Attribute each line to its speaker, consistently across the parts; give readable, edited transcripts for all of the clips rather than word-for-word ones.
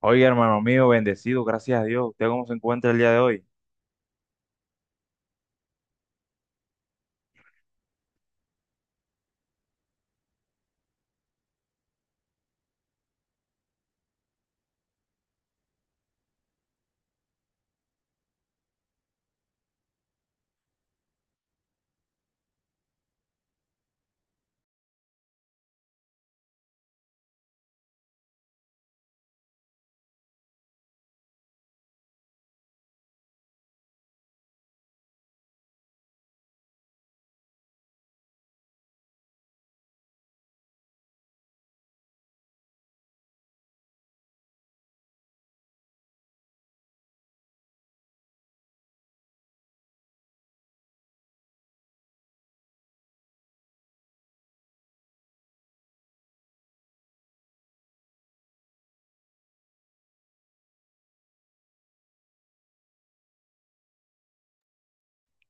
Speaker 1: Oiga, hermano mío, bendecido, gracias a Dios. ¿Usted cómo se encuentra el día de hoy?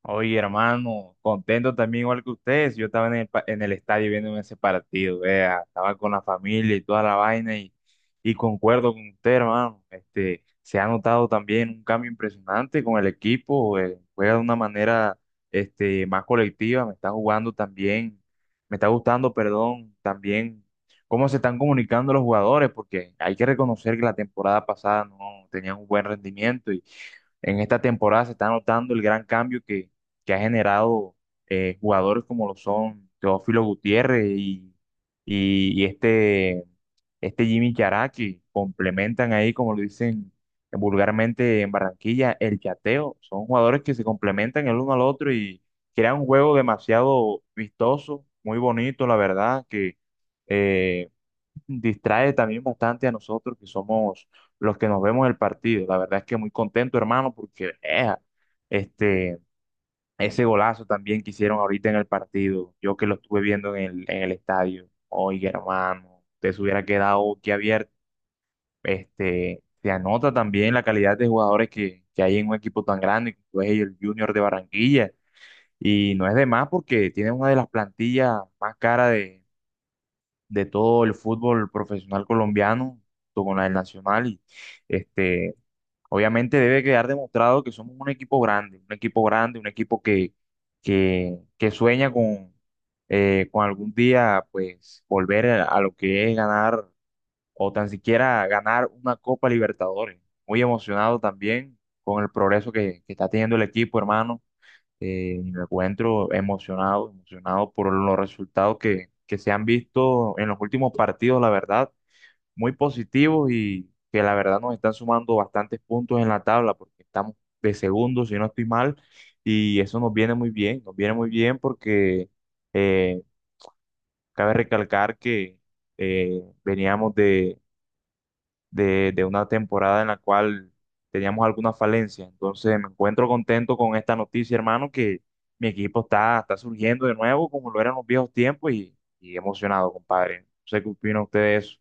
Speaker 1: Oye, hermano, contento también igual que ustedes. Yo estaba en el, en el estadio viendo ese partido, vea, estaba con la familia y toda la vaina y concuerdo con usted, hermano. Este, se ha notado también un cambio impresionante con el equipo, juega de una manera este, más colectiva, me está jugando también, me está gustando, perdón, también cómo se están comunicando los jugadores, porque hay que reconocer que la temporada pasada no tenían un buen rendimiento en esta temporada se está notando el gran cambio que ha generado jugadores como lo son Teófilo Gutiérrez y este, este Jimmy Chará que complementan ahí, como lo dicen vulgarmente en Barranquilla, el chateo. Son jugadores que se complementan el uno al otro y crean un juego demasiado vistoso, muy bonito, la verdad, que eh, distrae también bastante a nosotros que somos los que nos vemos el partido. La verdad es que muy contento, hermano, porque este, ese golazo también que hicieron ahorita en el partido, yo que lo estuve viendo en el estadio, oiga, hermano, te se hubiera quedado aquí abierto. Este, se anota también la calidad de jugadores que hay en un equipo tan grande como es el Junior de Barranquilla. Y no es de más porque tiene una de las plantillas más caras de todo el fútbol profesional colombiano, junto con la del Nacional. Y este, obviamente debe quedar demostrado que somos un equipo grande, un equipo grande, un equipo que sueña con algún día pues volver a lo que es ganar o tan siquiera ganar una Copa Libertadores. Muy emocionado también con el progreso que está teniendo el equipo, hermano. Me encuentro emocionado, emocionado por los resultados que se han visto en los últimos partidos, la verdad, muy positivos y que la verdad nos están sumando bastantes puntos en la tabla porque estamos de segundo, si no estoy mal, y eso nos viene muy bien, nos viene muy bien porque eh, cabe recalcar que veníamos de de una temporada en la cual teníamos alguna falencia. Entonces me encuentro contento con esta noticia, hermano, que mi equipo está, está surgiendo de nuevo como lo eran los viejos tiempos y emocionado, compadre. No sé qué opina usted de eso.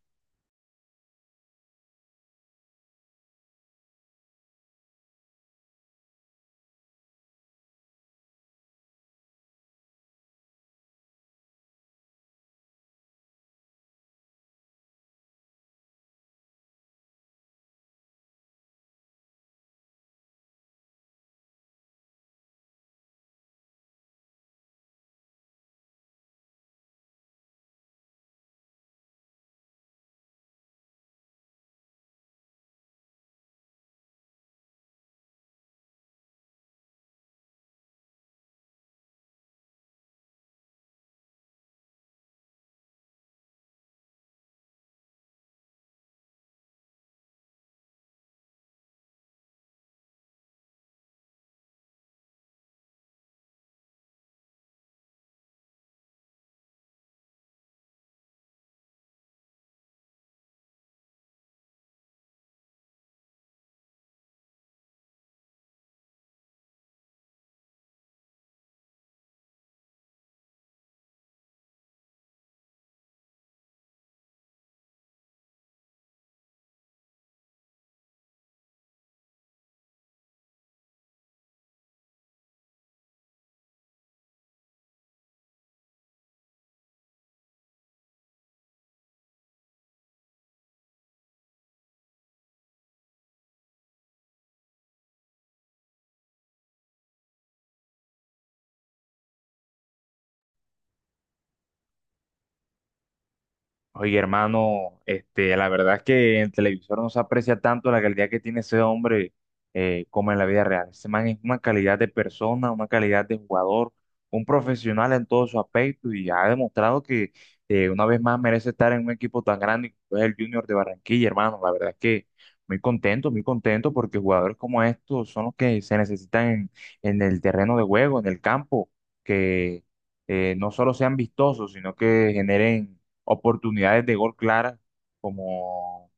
Speaker 1: Oye, hermano, este, la verdad es que en televisor no se aprecia tanto la calidad que tiene ese hombre como en la vida real. Ese man es una calidad de persona, una calidad de jugador, un profesional en todo su aspecto y ha demostrado que una vez más merece estar en un equipo tan grande como es el Junior de Barranquilla, hermano. La verdad es que muy contento porque jugadores como estos son los que se necesitan en el terreno de juego, en el campo, que no solo sean vistosos, sino que generen oportunidades de gol claras, como,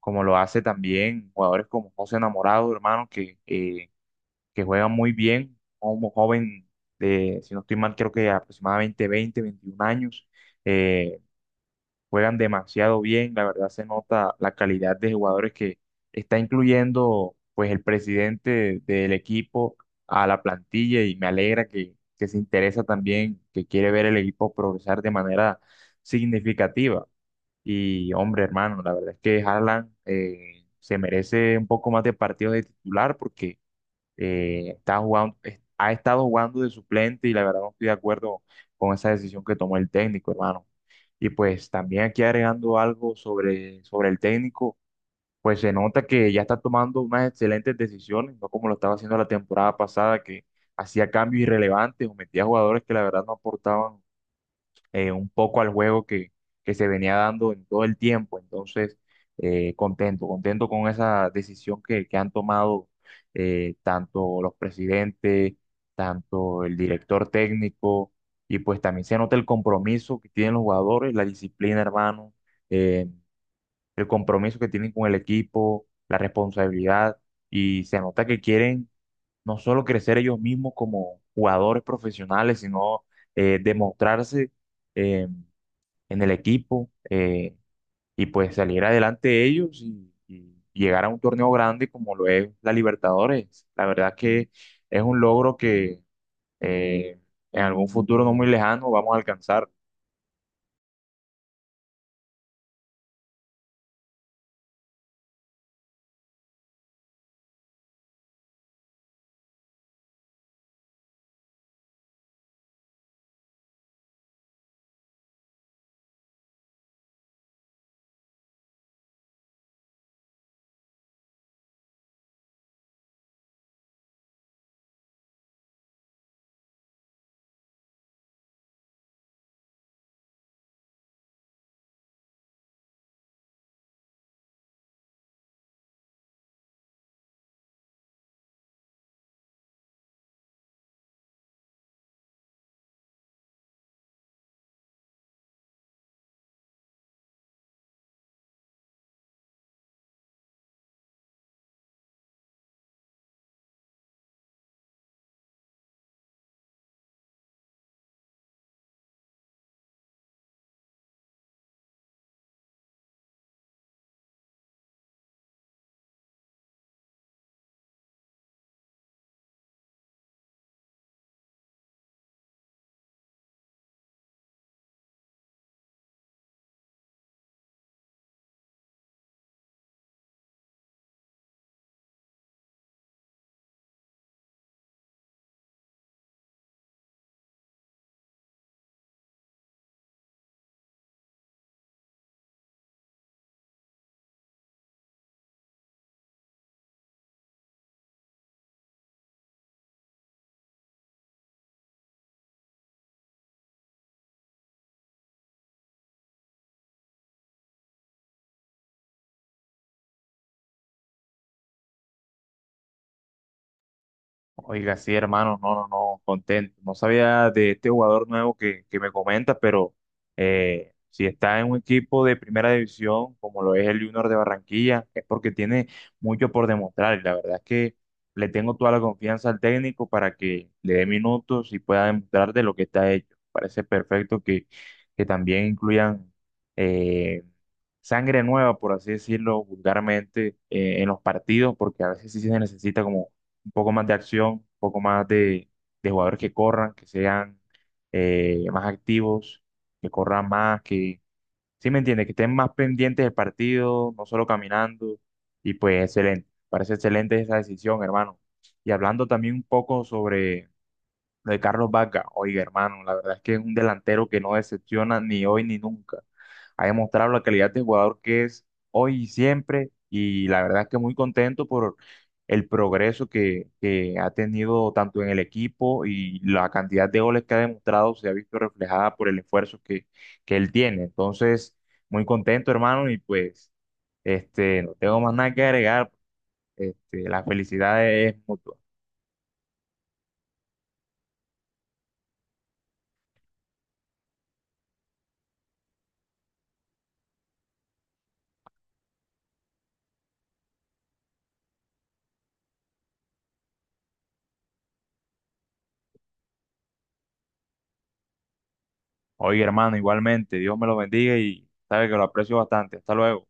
Speaker 1: como lo hace también jugadores como José Enamorado, hermano, que juegan muy bien, como joven de, si no estoy mal, creo que aproximadamente 20 21 años, eh, juegan demasiado bien, la verdad se nota la calidad de jugadores que está incluyendo pues el presidente del equipo a la plantilla y me alegra que se interesa también, que quiere ver el equipo progresar de manera significativa. Y hombre, hermano, la verdad es que Haaland se merece un poco más de partidos de titular porque está jugando, ha estado jugando de suplente y la verdad no estoy de acuerdo con esa decisión que tomó el técnico, hermano. Y pues también aquí agregando algo sobre el técnico, pues se nota que ya está tomando unas excelentes decisiones, no como lo estaba haciendo la temporada pasada, que hacía cambios irrelevantes o metía jugadores que la verdad no aportaban un poco al juego que se venía dando en todo el tiempo. Entonces, contento, contento con esa decisión que han tomado tanto los presidentes, tanto el director técnico, y pues también se nota el compromiso que tienen los jugadores, la disciplina, hermano, eh, el compromiso que tienen con el equipo, la responsabilidad, y se nota que quieren no solo crecer ellos mismos como jugadores profesionales, sino demostrarse. eh, en el equipo y pues salir adelante ellos y llegar a un torneo grande como lo es la Libertadores. La verdad que es un logro que eh, en algún futuro no muy lejano vamos a alcanzar. Oiga, sí, hermano, no, no, no, contento. No sabía de este jugador nuevo que me comenta pero si está en un equipo de primera división, como lo es el Junior de Barranquilla, es porque tiene mucho por demostrar. Y la verdad es que le tengo toda la confianza al técnico para que le dé minutos y pueda demostrar de lo que está hecho. Parece perfecto que también incluyan eh, sangre nueva, por así decirlo vulgarmente, en los partidos, porque a veces sí se necesita como un poco más de acción, un poco más de jugadores que corran, que sean más activos, que corran más, que, ¿sí me entiende? Que estén más pendientes del partido, no solo caminando. Y pues excelente, parece excelente esa decisión, hermano. Y hablando también un poco sobre lo de Carlos Vaca, oiga, hermano, la verdad es que es un delantero que no decepciona ni hoy ni nunca. Ha demostrado la calidad de jugador que es hoy y siempre, y la verdad es que muy contento por el progreso que ha tenido tanto en el equipo y la cantidad de goles que ha demostrado se ha visto reflejada por el esfuerzo que él tiene. Entonces, muy contento, hermano, y pues, este, no tengo más nada que agregar. Este, la felicidad es mutua. Oye, hermano, igualmente, Dios me lo bendiga y sabe que lo aprecio bastante. Hasta luego.